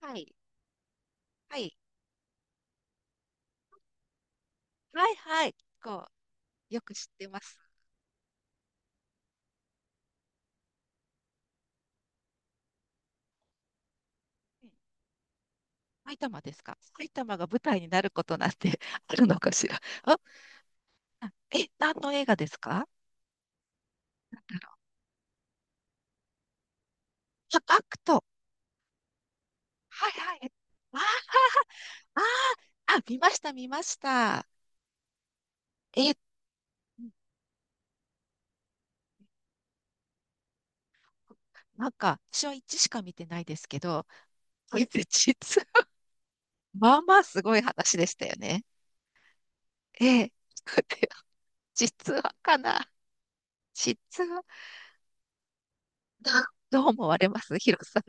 はい。はい。はいはい。こよく知ってます。うん埼玉ですか？埼玉が舞台になることなんて あるのかしら？あ、何の映画ですか？あ、アクト。はいはい。あ、あ、見ました、見ました。え、うんなんか、私は1しか見てないですけど、これ実は、まあまあすごい話でしたよね。ええ、実はかな。実は、どどう思われます、ヒロさん？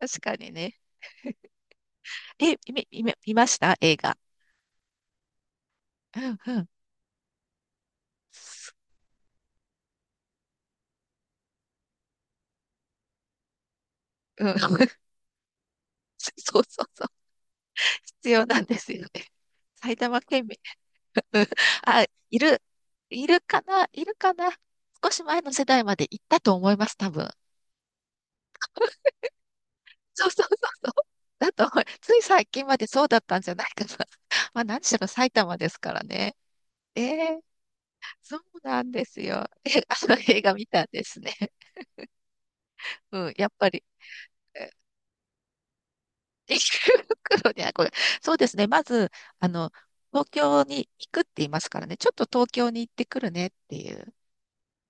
確かにね。え、見ました映画。うんうん。すうん。そうそうそう。必要なんですよね。埼玉県民。うん。あ、いる、いるかな？いるかな？少し前の世代まで行ったと思います、多分。そうそうそうそう。だと思う、つい最近までそうだったんじゃないかな。まあ何しろ埼玉ですからね。ええ、そうなんですよ。え、あの映画見たんですね。うん、やっぱり。池袋に憧れ、そうですね。まず、あの、東京に行くって言いますからね。ちょっと東京に行ってくるねっていう。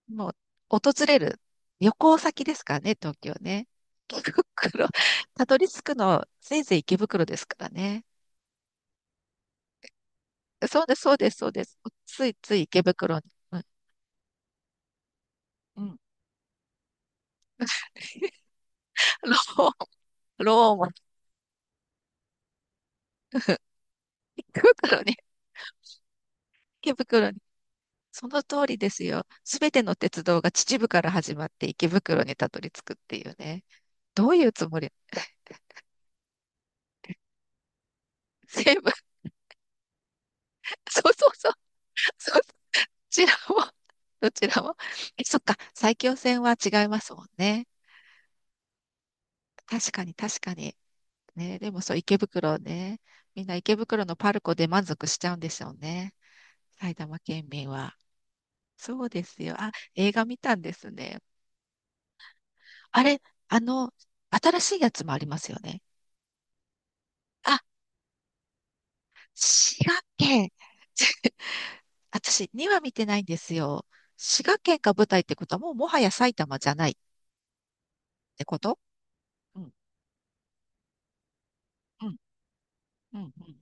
もう、訪れる旅行先ですからね、東京ね。池袋、たどり着くの、せいぜい池袋ですからね。そうです、そうです、そうです。ついつい池袋に。うん、うん。ロー、ローも、池袋に、池袋に。その通りですよ。すべての鉄道が秩父から始まって池袋にたどり着くっていうね。どういうつもり？成ブ。 そうそうそう。そう、どちらも、どちらも。え、そっか。埼京線は違いますもんね。確かに、確かに。ね、でもそう、池袋ね。みんな池袋のパルコで満足しちゃうんでしょうね。埼玉県民は。そうですよ。あ、映画見たんですね。あれ、あの、新しいやつもありますよね。あ、滋賀県。私、2は見てないんですよ。滋賀県が舞台ってことは、もうもはや埼玉じゃない。ってこと？うん、うん、うん、うん、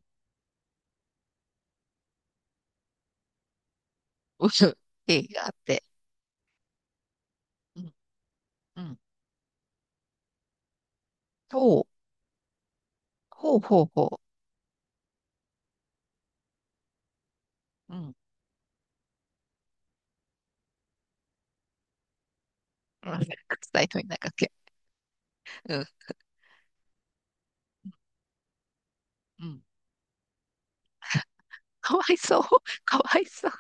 うん経緯があって。うん、うん、ほう、ほうほうほ？うん、うん。うん、伝えといなかっけ。うん。うん。かわいそう。かわいそう。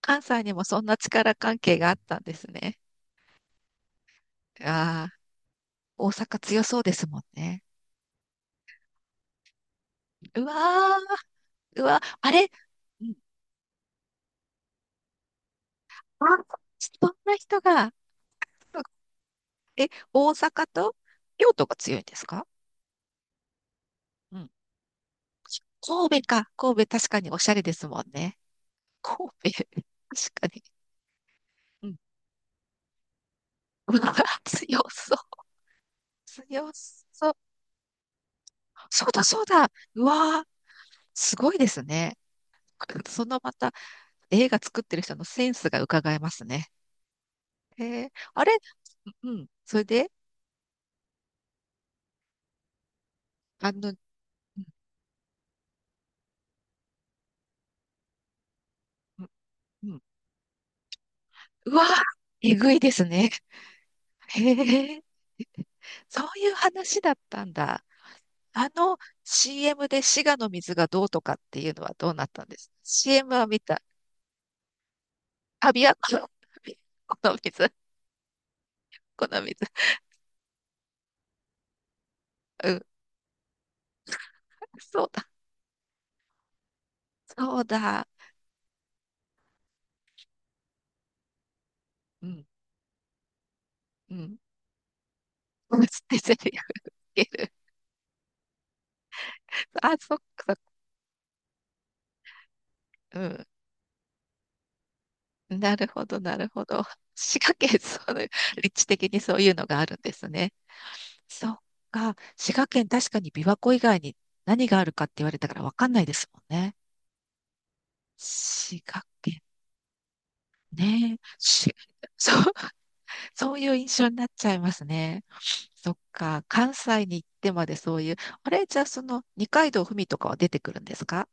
関西にもそんな力関係があったんですね。ああ、大阪強そうですもんね。うわー、うわ、あれ、うん。あ、そんな人が、そう、え、大阪と京都が強いんですか？うん、神戸か。神戸確かにおしゃれですもんね。神戸、確かに。うん。うわ、強そう、強そう。そうだ、そうだ。うわー、すごいですね。そのまた映画作ってる人のセンスが伺えますね。へえ、あれ、うん、それで、あの、うん、うん、うわー、えぐいですね。へえ、そういう話だったんだ。あの CM で滋賀の水がどうとかっていうのはどうなったんです？ CM は見た。あ、琵琶湖の水、この水。うん。そうだ。そうだ。うん。うん。つてゼリフつける。あ、そっか、そっか。うん。なるほど、なるほど。滋賀県、そういう、立地的にそういうのがあるんですね。そっか。滋賀県、確かに琵琶湖以外に何があるかって言われたからわかんないですもんね。滋賀県ね。し、そう、そういう印象になっちゃいますね。そっか。関西に行ってまでそういう、あれ、じゃあその二階堂ふみとかは出てくるんですか？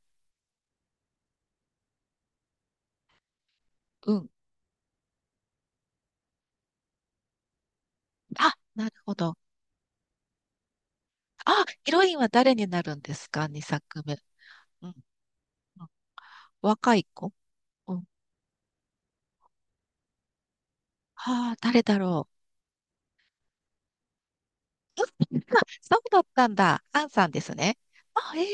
うん。あ、なるほど。あ、ヒロインは誰になるんですか？ 2 作目。うん、うん若い子。うん、ああ、誰だろう。そうだったんだ。アンさんですね。あ、ええ、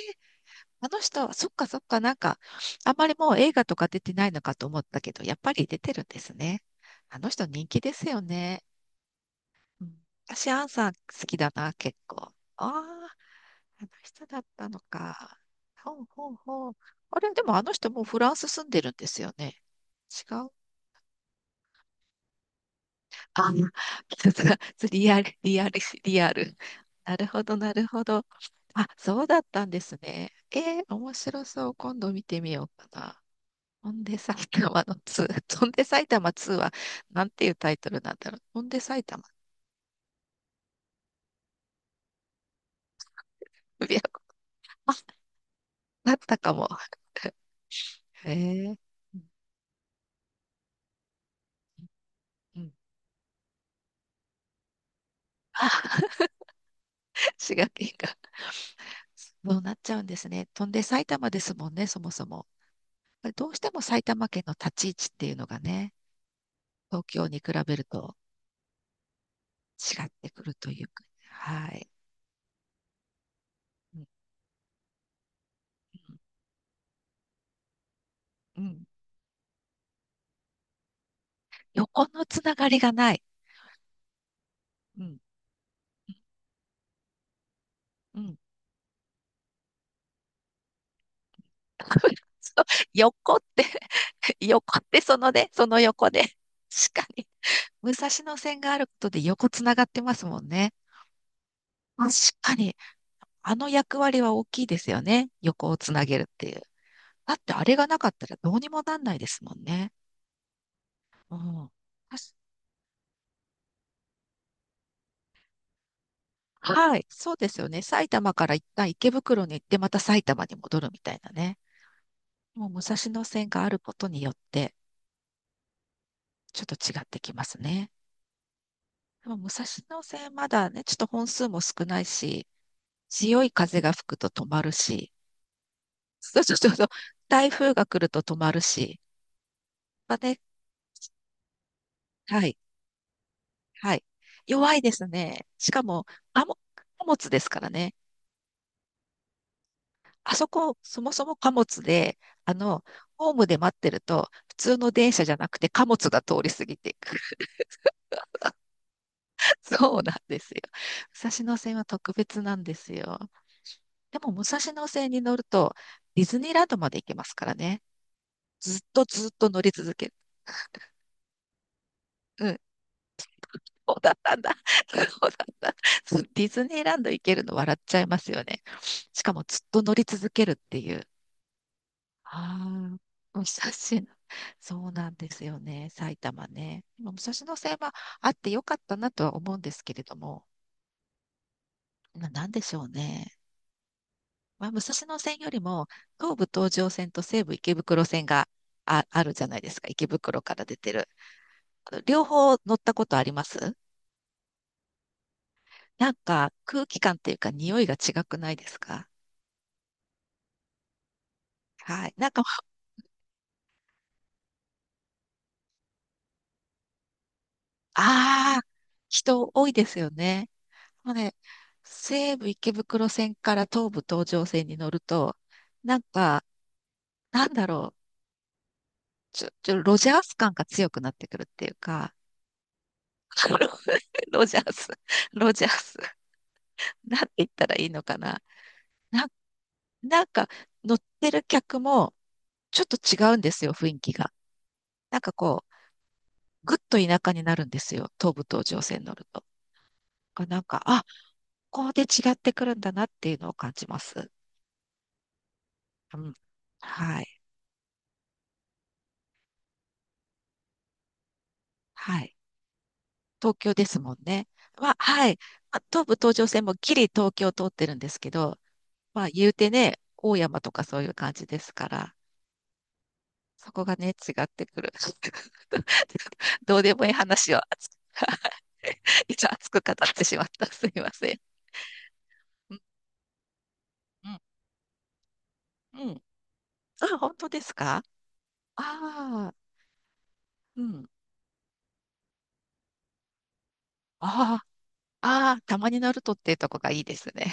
あの人は、そっかそっか、なんか、あんまりもう映画とか出てないのかと思ったけど、やっぱり出てるんですね。あの人人気ですよね。うん、私、アンさん好きだな、結構。ああ、あの人だったのか。ほうほうほう。あれ、でもあの人もうフランス住んでるんですよね。違う、あ、さすが、リアル、リアル、リアル。なるほど、なるほど。あ、そうだったんですね。えー、面白そう。今度見てみようかな。翔んで埼玉の2。翔んで埼玉ツーは、なんていうタイトルなんだろう。翔んで埼玉。いあ、だったかも。へえ。うんうんあ、滋賀県が。そうなっちゃうんですね。飛んで埼玉ですもんね、そもそも。どうしても埼玉県の立ち位置っていうのがね、東京に比べると。違ってくるというかね、はい。うん、うん、うん横のつながりがない。うん、うん。そう横って 横ってそのね、その横で。確かに。武蔵野線があることで横つながってますもんね。確かに。あの役割は大きいですよね。横をつなげるっていう。だってあれがなかったらどうにもなんないですもんね。うん。確はい。そうですよね。埼玉から一旦池袋に行って、また埼玉に戻るみたいなね。もう武蔵野線があることによって、ちょっと違ってきますね。でも武蔵野線まだね、ちょっと本数も少ないし、強い風が吹くと止まるし、そうそうそうそう、台風が来ると止まるし、まあね、はい、はい。弱いですね。しかも、貨物貨物ですからね。あそこ、そもそも貨物で、あの、ホームで待ってると、普通の電車じゃなくて貨物が通り過ぎていく。そうなんですよ。武蔵野線は特別なんですよ。でも、武蔵野線に乗ると、ディズニーランドまで行けますからね。ずっとずっと乗り続ける。うん。そうだったんだ。そうだった。そうディズニーランド行けるの笑っちゃいますよね。しかも、ずっと乗り続けるっていう。ああ、武蔵野。そうなんですよね。埼玉ね。今武蔵野線はあってよかったなとは思うんですけれども、なんでしょうね。まあ、武蔵野線よりも東武東上線と西武池袋線があるじゃないですか。池袋から出てる。あの両方乗ったことあります？なんか空気感っていうか匂いが違くないですか？はい。なんか、ああ、人多いですよね。もうね、西武池袋線から東武東上線に乗ると、なんか、なんだろう、ちょ、ちょ、ロジャース感が強くなってくるっていうか、ロジャース、ロジャース。なんて言ったらいいのかな。な、なんか乗ってる客もちょっと違うんですよ、雰囲気が。なんかこう、ぐっと田舎になるんですよ、東武東上線乗ると。あ、ここで違ってくるんだなっていうのを感じます。うん。はい。はい。東京ですもんね。まあ、はい。まあ、東武東上線もギリ東京通ってるんですけど、まあ、言うてね、大山とかそういう感じですから、そこがね、違ってくる。どうでもいい話を。一応熱く語ってしまった。すいません。うん、うん、うん。あ、本当ですか？ああー、うん。ああ、ああ、たまにナルトっていうとこがいいですね。